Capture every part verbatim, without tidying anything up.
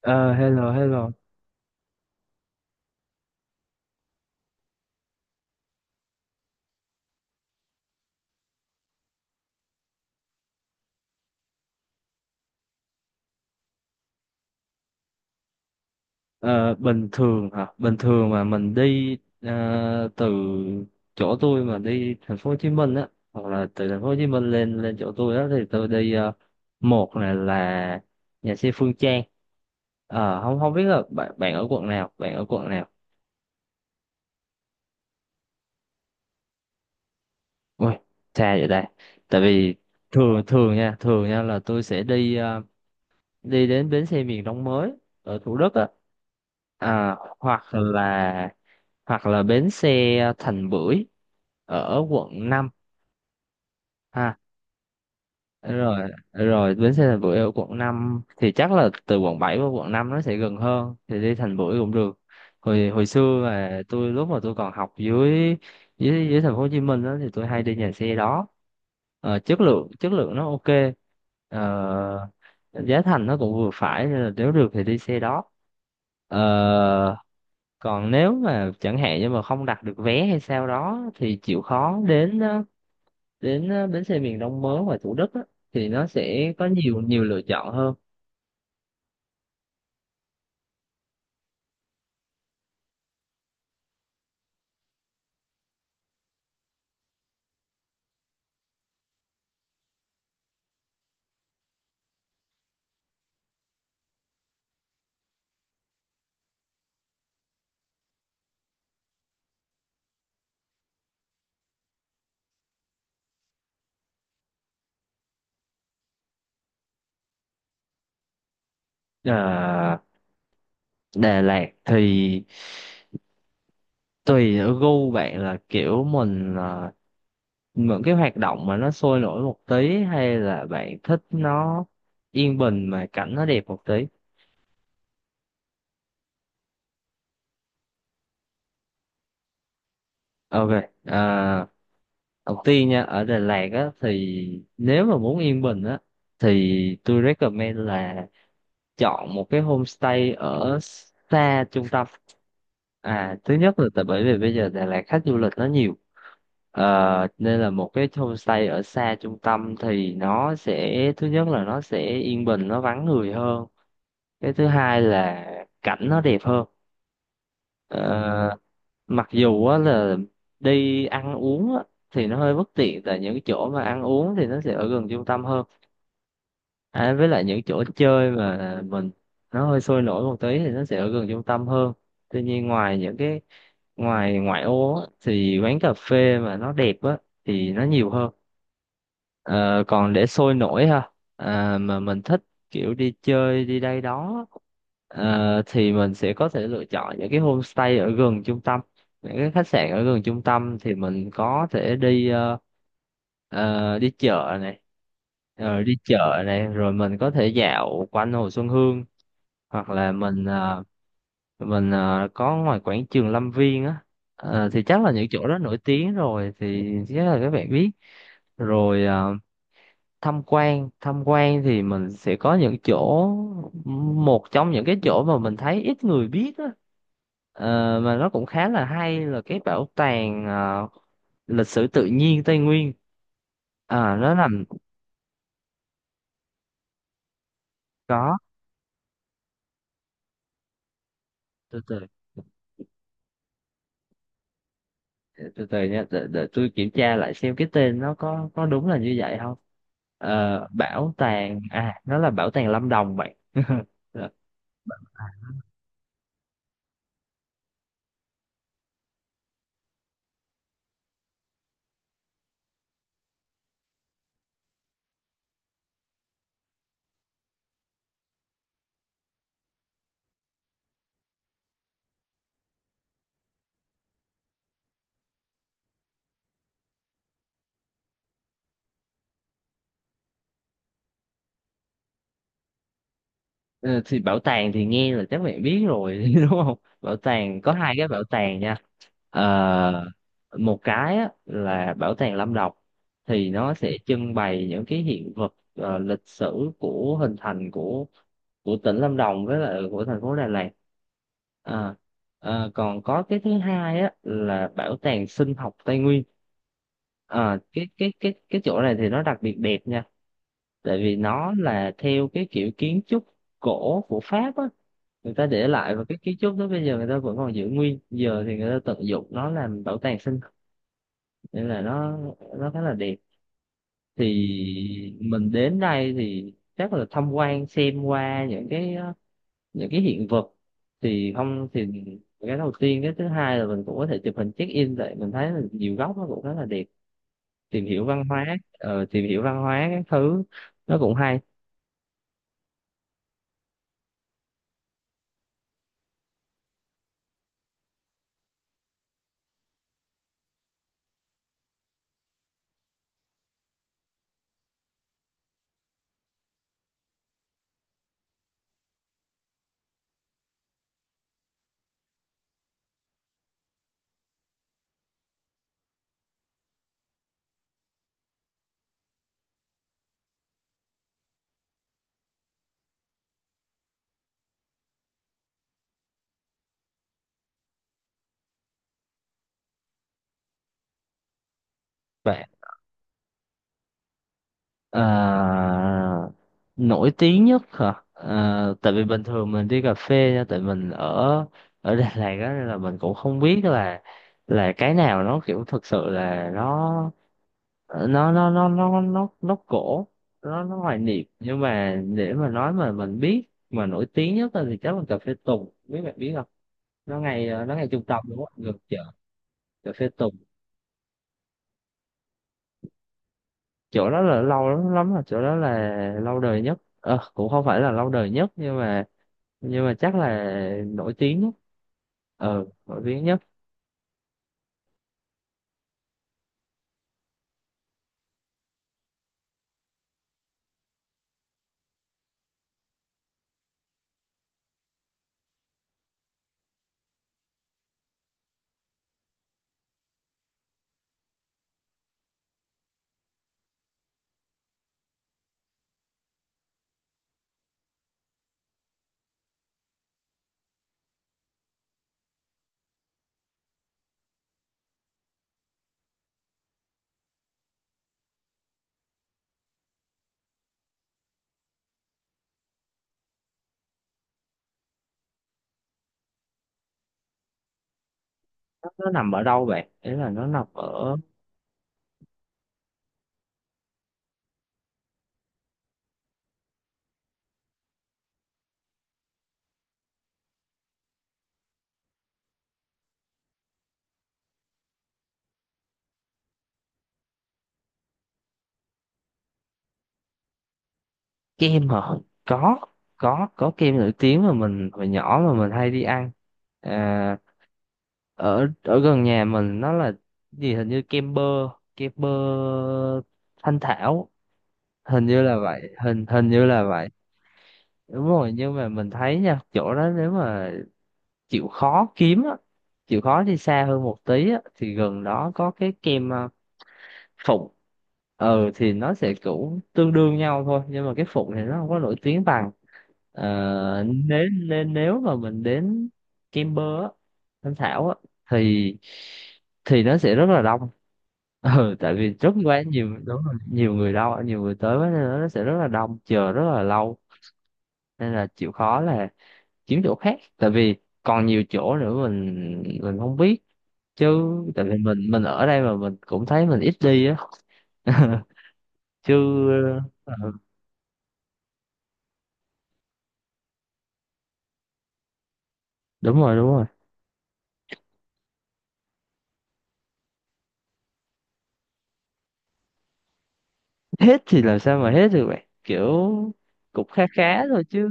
Ờ, Hello, hello. Ờ, Bình thường hả? Bình thường mà mình đi ờ, từ chỗ tôi mà đi thành phố Hồ Chí Minh á, hoặc là từ thành phố Hồ Chí Minh lên lên chỗ tôi đó thì tôi đi ờ, một này là nhà xe Phương Trang. Ờ, không không biết là bạn bạn ở quận nào, bạn ở quận nào. Ui, xa vậy đây. Tại vì thường thường nha, thường nha là tôi sẽ đi ờ, đi đến bến xe miền Đông mới ở Thủ Đức á, à, hoặc là hoặc là bến xe Thành Bưởi ở quận năm. Rồi rồi bến xe Thành Bưởi ở quận năm thì chắc là từ quận bảy qua quận năm nó sẽ gần hơn thì đi Thành Bưởi cũng được. Hồi hồi xưa mà tôi, lúc mà tôi còn học dưới dưới dưới thành phố Hồ Chí Minh đó thì tôi hay đi nhà xe đó. Ờ, chất lượng chất lượng nó ok. Ờ, Giá thành nó cũng vừa phải nên là nếu được thì đi xe đó. Ờ, Còn nếu mà chẳng hạn như mà không đặt được vé hay sao đó thì chịu khó đến ờ, đến ờ, bến xe miền Đông mới ngoài Thủ Đức á, thì nó sẽ có nhiều nhiều lựa chọn hơn. à, Đà Lạt thì tùy ở gu bạn, là kiểu mình ờ, những cái hoạt động mà nó sôi nổi một tí, hay là bạn thích nó yên bình mà cảnh nó đẹp một tí. Ok. à, Đầu tiên nha, ở Đà Lạt á thì nếu mà muốn yên bình á thì tôi recommend là chọn một cái homestay ở xa trung tâm. À thứ nhất là tại bởi vì bây giờ Đà Lạt khách du lịch nó nhiều. Ờ, nên là một cái homestay ở xa trung tâm thì nó sẽ, thứ nhất là nó sẽ yên bình, nó vắng người hơn. Cái thứ hai là cảnh nó đẹp hơn. Ờ, Mặc dù á là đi ăn uống á, thì nó hơi bất tiện, tại những cái chỗ mà ăn uống thì nó sẽ ở gần trung tâm hơn. À, với lại những chỗ chơi mà mình, nó hơi sôi nổi một tí thì nó sẽ ở gần trung tâm hơn. Tuy nhiên ngoài những cái ngoài ngoại ô á, thì quán cà phê mà nó đẹp á thì nó nhiều hơn. Ờ, Còn để sôi nổi ha, à, mà mình thích kiểu đi chơi đi đây đó ờ, thì mình sẽ có thể lựa chọn những cái homestay ở gần trung tâm, những cái khách sạn ở gần trung tâm thì mình có thể đi ờ, Ờ, đi chợ này ờ, đi chợ này, rồi mình có thể dạo quanh Hồ Xuân Hương, hoặc là mình ờ, mình ờ, có ngoài quảng trường Lâm Viên á. Ờ, thì chắc là những chỗ đó nổi tiếng rồi thì chắc là các bạn biết rồi. Ờ, tham quan tham quan thì mình sẽ có những chỗ, một trong những cái chỗ mà mình thấy ít người biết á, Ờ, mà nó cũng khá là hay, là cái bảo tàng ờ, lịch sử tự nhiên Tây Nguyên. À, nó nằm có. Từ từ, để- từ từ nha, để, để tôi kiểm tra lại xem cái tên nó có có đúng là như vậy không. Ờ, bảo tàng à, nó là bảo tàng Lâm Đồng bạn. Ờ, thì bảo tàng thì nghe là chắc mẹ biết rồi đúng không? Bảo tàng, có hai cái bảo tàng nha. Ờ, Một cái á, là bảo tàng Lâm Đồng thì nó sẽ trưng bày những cái hiện vật ờ, lịch sử của hình thành của của tỉnh Lâm Đồng với lại của thành phố Đà Lạt. Ờ, ờ, Còn có cái thứ hai á là bảo tàng sinh học Tây Nguyên. Ờ, cái cái cái cái chỗ này thì nó đặc biệt đẹp nha, tại vì nó là theo cái kiểu kiến trúc cổ của Pháp á, người ta để lại, và cái kiến trúc đó bây giờ người ta vẫn còn giữ nguyên, giờ thì người ta tận dụng nó làm bảo tàng sinh học. Nên là nó nó khá là đẹp. Thì mình đến đây thì chắc là tham quan xem qua những cái ờ, những cái hiện vật, thì không thì cái đầu tiên, cái thứ hai là mình cũng có thể chụp hình check in, tại mình thấy là nhiều góc nó cũng khá là đẹp. Tìm hiểu văn hóa, ờ, tìm hiểu văn hóa các thứ, nó cũng hay. Ờ, Nổi tiếng nhất hả? Ờ, Tại vì bình thường mình đi cà phê nha, tại mình ở ở Đà Lạt á nên là mình cũng không biết là là cái nào nó kiểu thực sự là nó nó nó nó nó nó nó cổ, nó nó hoài niệm, nhưng mà để mà nói mà mình biết mà nổi tiếng nhất á thì chắc là cà phê Tùng, biết bạn biết không. Nó ngay ờ, nó ngay trung tâm đúng không, gần chợ. Cà phê Tùng, chỗ đó là lâu lắm lắm rồi, chỗ đó là lâu đời nhất. Ờ, Cũng không phải là lâu đời nhất nhưng mà nhưng mà chắc là nổi tiếng nhất, ờ nổi tiếng nhất. Nó, nó nằm ở đâu bạn, ý là nó nằm ở. Kem hả? Có có có kem nổi tiếng mà mình hồi nhỏ mà mình hay đi ăn. à, Ở ở gần nhà mình, nó là gì, hình như kem bơ, kem bơ Thanh Thảo, hình như là vậy, hình hình như là vậy. Đúng rồi, nhưng mà mình thấy nha, chỗ đó nếu mà chịu khó kiếm á, chịu khó đi xa hơn một tí á thì gần đó có cái kem à, Phục. Ờ thì nó sẽ cũng tương đương nhau thôi, nhưng mà cái Phục thì nó không có nổi tiếng bằng. Ờ, nếu nên nếu mà mình đến Kimber á, Thanh Thảo á thì thì nó sẽ rất là đông. Ừ, tại vì rất quá nhiều đúng rồi, nhiều người, đâu nhiều người tới quá nên là nó sẽ rất là đông, chờ rất là lâu. Nên là chịu khó là kiếm chỗ khác, tại vì còn nhiều chỗ nữa mình mình không biết, chứ tại vì mình mình ở đây mà mình cũng thấy mình ít đi á chứ. ờ, Đúng rồi, đúng rồi. Hết thì làm sao mà hết được vậy kiểu, cũng khá khá thôi chứ,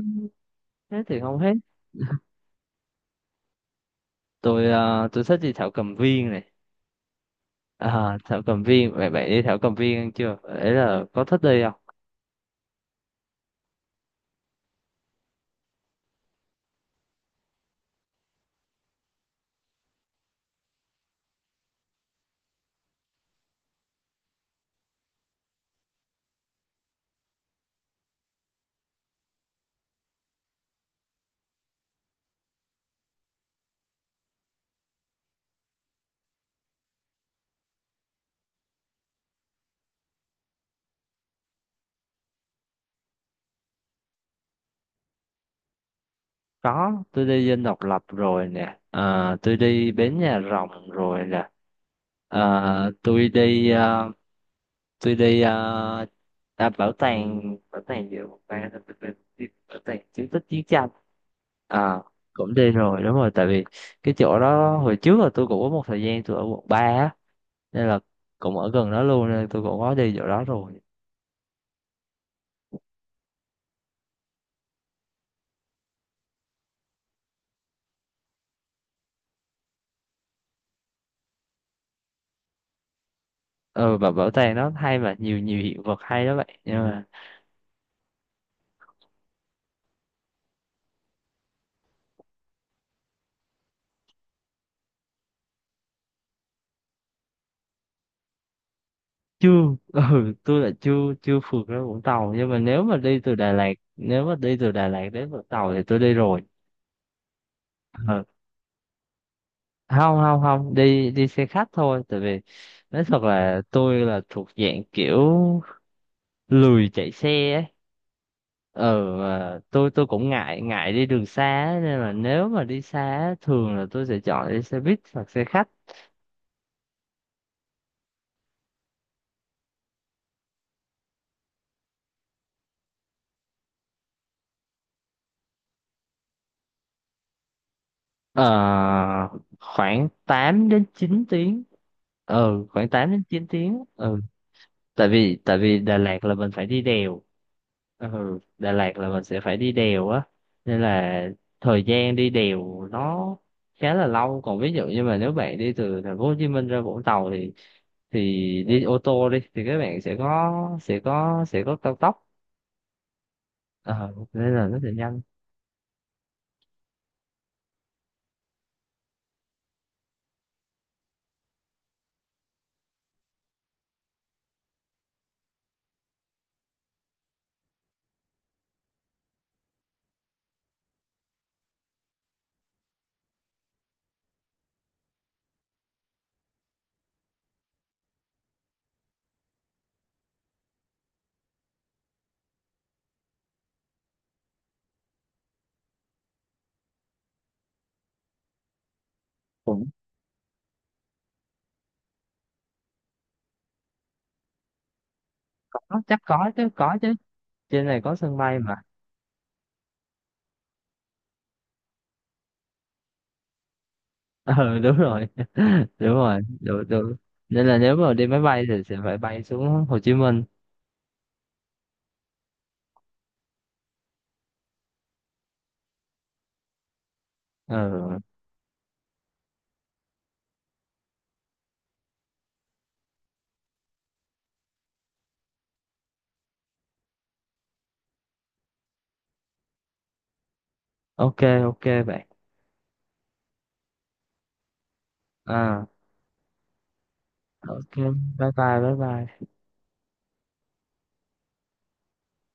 hết thì không hết. Tôi ờ, tôi thích đi thảo cầm viên này. À, thảo cầm viên, vậy bạn đi thảo cầm viên chưa, đấy là có thích đi không. Có, tôi đi Dinh Độc Lập rồi nè. Ờ, tôi đi Bến Nhà Rồng rồi nè. Ờ, tôi đi ờ, tôi đi ờ, à, bảo tàng, bảo tàng gì bảo tàng bảo tàng bảo tàng bảo tàng chiến tích chiến tranh. à Cũng đi rồi đúng rồi, tại vì cái chỗ đó hồi trước là tôi cũng có một thời gian tôi ở quận ba á, nên là cũng ở gần đó luôn nên tôi cũng có đi chỗ đó rồi. Ừ, và bảo tàng nó hay mà, nhiều nhiều hiện vật hay đó vậy nhưng mà. Chưa. Ừ, tôi là chưa chưa phượt ra Vũng Tàu, nhưng mà nếu mà đi từ Đà Lạt, nếu mà đi từ Đà Lạt đến Vũng Tàu thì tôi đi rồi. Ừ. Không, không, không, đi đi xe khách thôi, tại vì nói thật là tôi là thuộc dạng kiểu lười chạy xe ấy. ờ mà tôi tôi cũng ngại ngại đi đường xa á, nên là nếu mà đi xa á, thường là tôi sẽ chọn đi xe buýt hoặc xe khách. ờ Khoảng tám đến chín tiếng. Ừ, khoảng tám đến chín tiếng, ừ. Tại vì tại vì Đà Lạt là mình phải đi đèo. Ừ, Đà Lạt là mình sẽ phải đi đèo á, nên là thời gian đi đèo nó khá là lâu. Còn ví dụ như mà nếu bạn đi từ thành phố Hồ Chí Minh ra Vũng Tàu thì thì đi ô tô đi thì các bạn sẽ có sẽ có sẽ có cao tốc. ờ Nên là nó sẽ nhanh. Cũng có, chắc có chứ, có chứ, trên này có sân bay mà. ờ Đúng rồi. Đúng rồi, đúng, đúng. Nên là nếu mà đi máy bay thì sẽ phải bay xuống Hồ Chí Minh. ờ ok. Ok bạn. à ok. Bye bye bye bye.